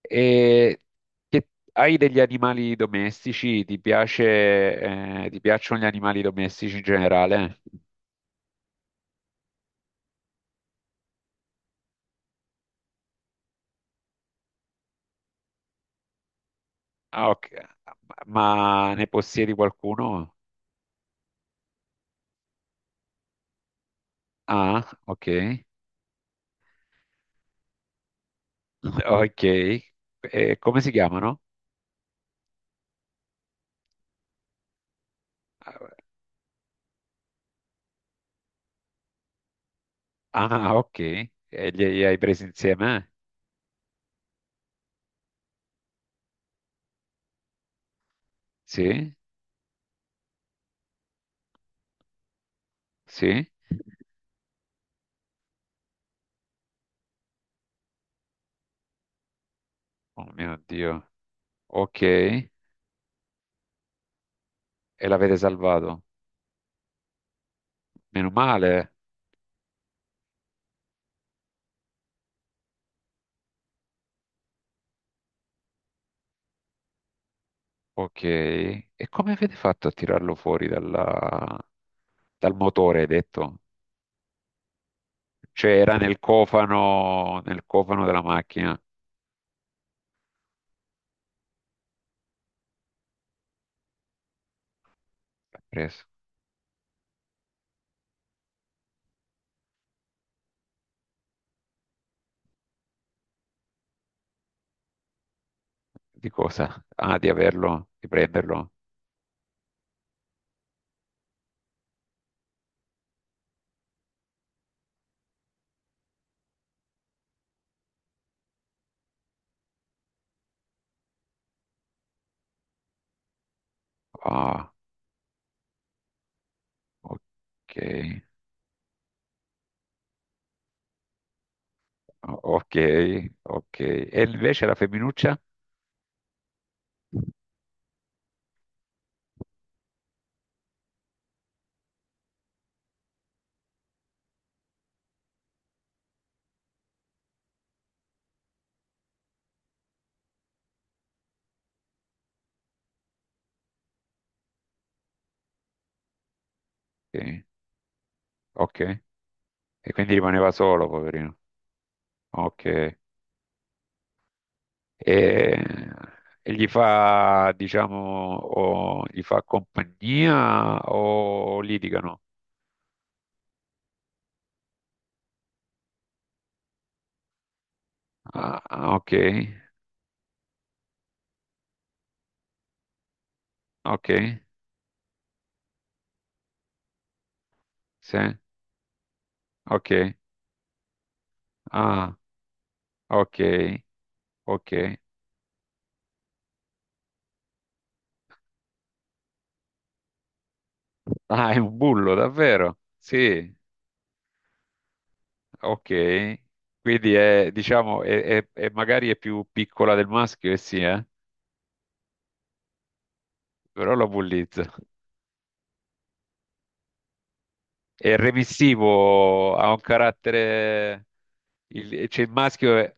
E che hai degli animali domestici? Ti piace, ti piacciono gli animali domestici in generale? Ah, ok. Ma ne possiedi qualcuno? Ah, ok. Ok. E come si chiamano? Ah, ok. E li hai presi insieme? Sì, sì. Oh mio Dio. Ok. E l'avete salvato. Meno male. Ok, e come avete fatto a tirarlo fuori dal motore, hai detto? Cioè era nel cofano della macchina. L'ha preso. Di cosa? Ah, di averlo, di prenderlo. Ah, ok, ok, ok. E invece la femminuccia? Sì, ok. E quindi rimaneva solo, poverino. Ok. E, e gli fa, diciamo, o gli fa compagnia o litigano? Ah, ah, ok, ok, sì, ok. Ah. Ok, ok. Ah, è un bullo, davvero? Sì, ok. Quindi è, diciamo, magari è più piccola del maschio, e sì, eh? Però lo bullizza. È remissivo, ha un carattere... Il, cioè il maschio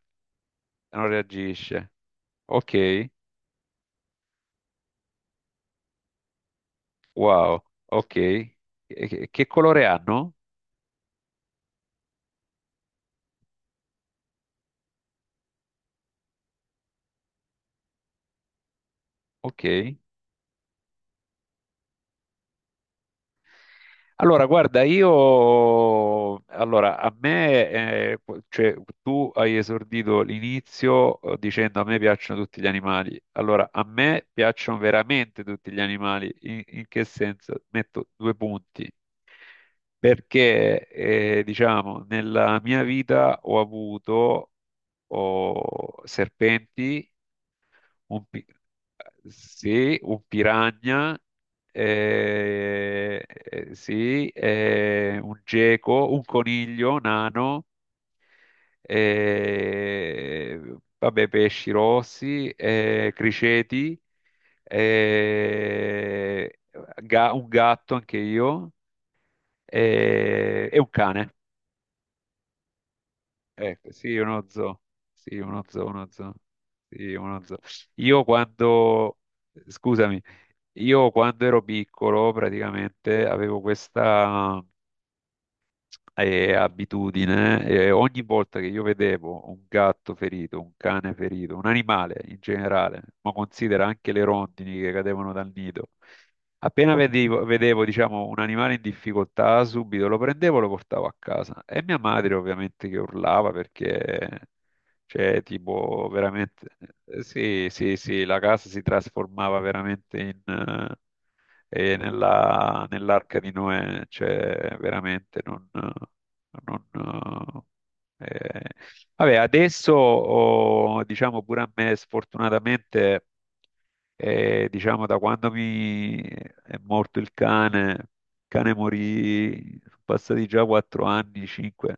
non reagisce. Ok, wow, ok. E- che colore hanno? Ok. Allora, guarda, allora, a me, cioè, tu hai esordito l'inizio dicendo a me piacciono tutti gli animali. Allora, a me piacciono veramente tutti gli animali. In, in che senso? Metto due punti. Perché, diciamo, nella mia vita ho avuto oh, serpenti un pi- sì, un piranha, sì, un geco, un coniglio nano, eh, vabbè, pesci rossi, criceti, eh, un gatto anche io, e un cane. Ecco, sì, uno zoo, sì, uno zoo. Io quando, scusami. Io quando ero piccolo praticamente avevo questa abitudine, ogni volta che io vedevo un gatto ferito, un cane ferito, un animale in generale, ma considera anche le rondini che cadevano dal nido, appena vedevo, diciamo, un animale in difficoltà, subito lo prendevo e lo portavo a casa. E mia madre ovviamente che urlava perché... Cioè, tipo, veramente, sì, sì, sì, la casa si trasformava veramente in, nell'arca di Noè, cioè veramente non... non eh, vabbè, adesso oh, diciamo pure a me sfortunatamente, diciamo da quando mi è morto il cane morì, sono passati già 4 anni, cinque.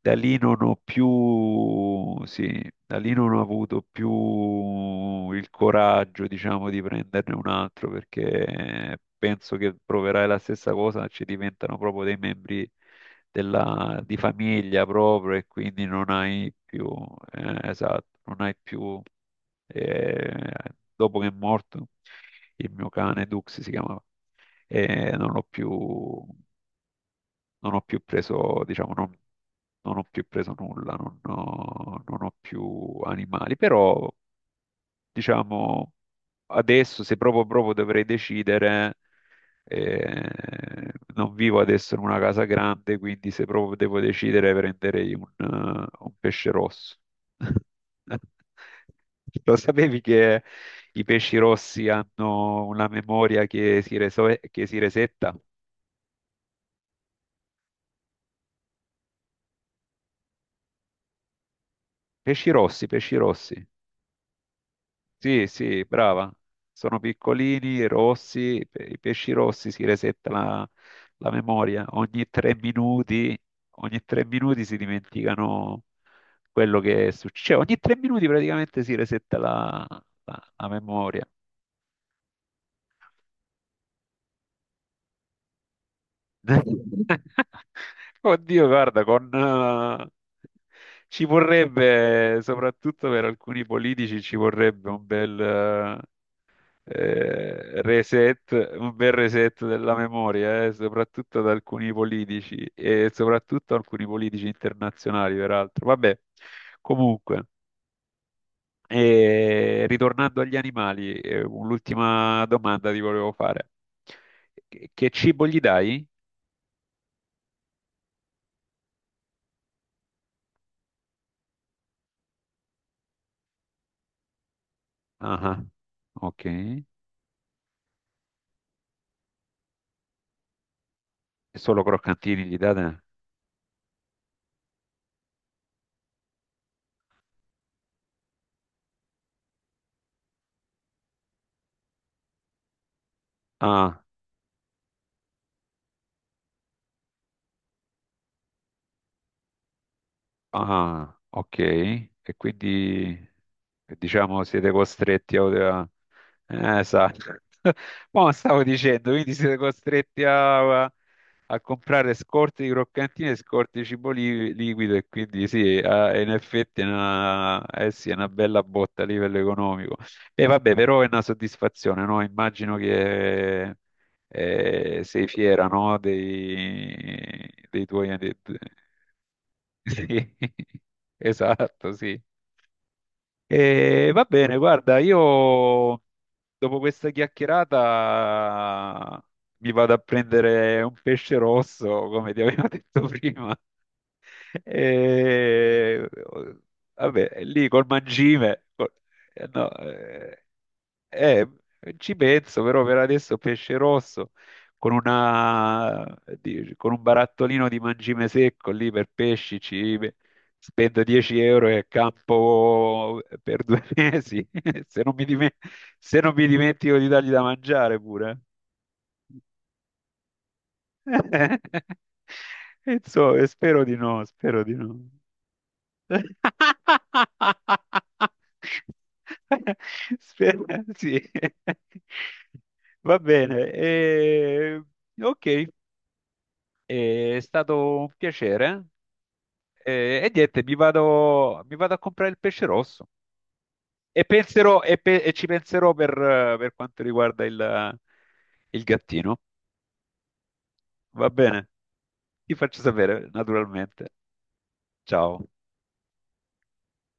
Da lì non ho più, sì, da lì non ho avuto più il coraggio, diciamo, di prenderne un altro perché penso che proverai la stessa cosa, ci diventano proprio dei membri della, di famiglia proprio e quindi non hai più, esatto, non hai più, eh, dopo che è morto il mio cane Dux si chiamava, non l'ho più non ho più preso, diciamo, non, non ho più preso nulla, non ho, non ho più animali, però diciamo adesso se proprio proprio dovrei decidere, eh, non vivo adesso in una casa grande, quindi se proprio devo decidere prenderei un pesce rosso. Lo sapevi che i pesci rossi hanno una memoria che si resetta? Pesci rossi, pesci rossi. Sì, sì, brava. Sono piccolini, rossi, i pesci rossi si resetta la memoria. Ogni 3 minuti, ogni 3 minuti si dimenticano quello che succede. Cioè, ogni 3 minuti praticamente si resetta la memoria. Oddio, guarda, ci vorrebbe, soprattutto per alcuni politici, ci vorrebbe un bel, reset, un bel reset della memoria, soprattutto da alcuni politici e soprattutto alcuni politici internazionali, peraltro. Vabbè, comunque, ritornando agli animali, l'ultima domanda ti volevo fare. Che cibo gli dai? Ah, ah, ok. Solo croccantini gli date? Ah. Ah, ok. E quindi diciamo siete costretti a... a- esatto. Ma stavo dicendo, quindi siete costretti a comprare scorte di croccantini e scorte di cibo liquido e quindi sì, in effetti è una, eh sì, è una bella botta a livello economico. E vabbè, però è una soddisfazione, no? Immagino che sei fiera, no? Dei, dei tuoi... Sì, esatto, sì. E va bene, guarda, io dopo questa chiacchierata mi vado a prendere un pesce rosso, come ti avevo detto prima. E vabbè, lì col mangime, col- no, eh, ci penso, però per adesso pesce rosso con con un barattolino di mangime secco lì per pesci, ci spendo 10 euro e campo per 2 mesi, se non se non mi dimentico di dargli da mangiare pure. Insomma, spero di no, spero di no. Spera, sì. Va bene. Ok, è stato un piacere. E niente, mi vado a comprare il pesce rosso e ci penserò per quanto riguarda il gattino. Va bene, ti faccio sapere, naturalmente. Ciao.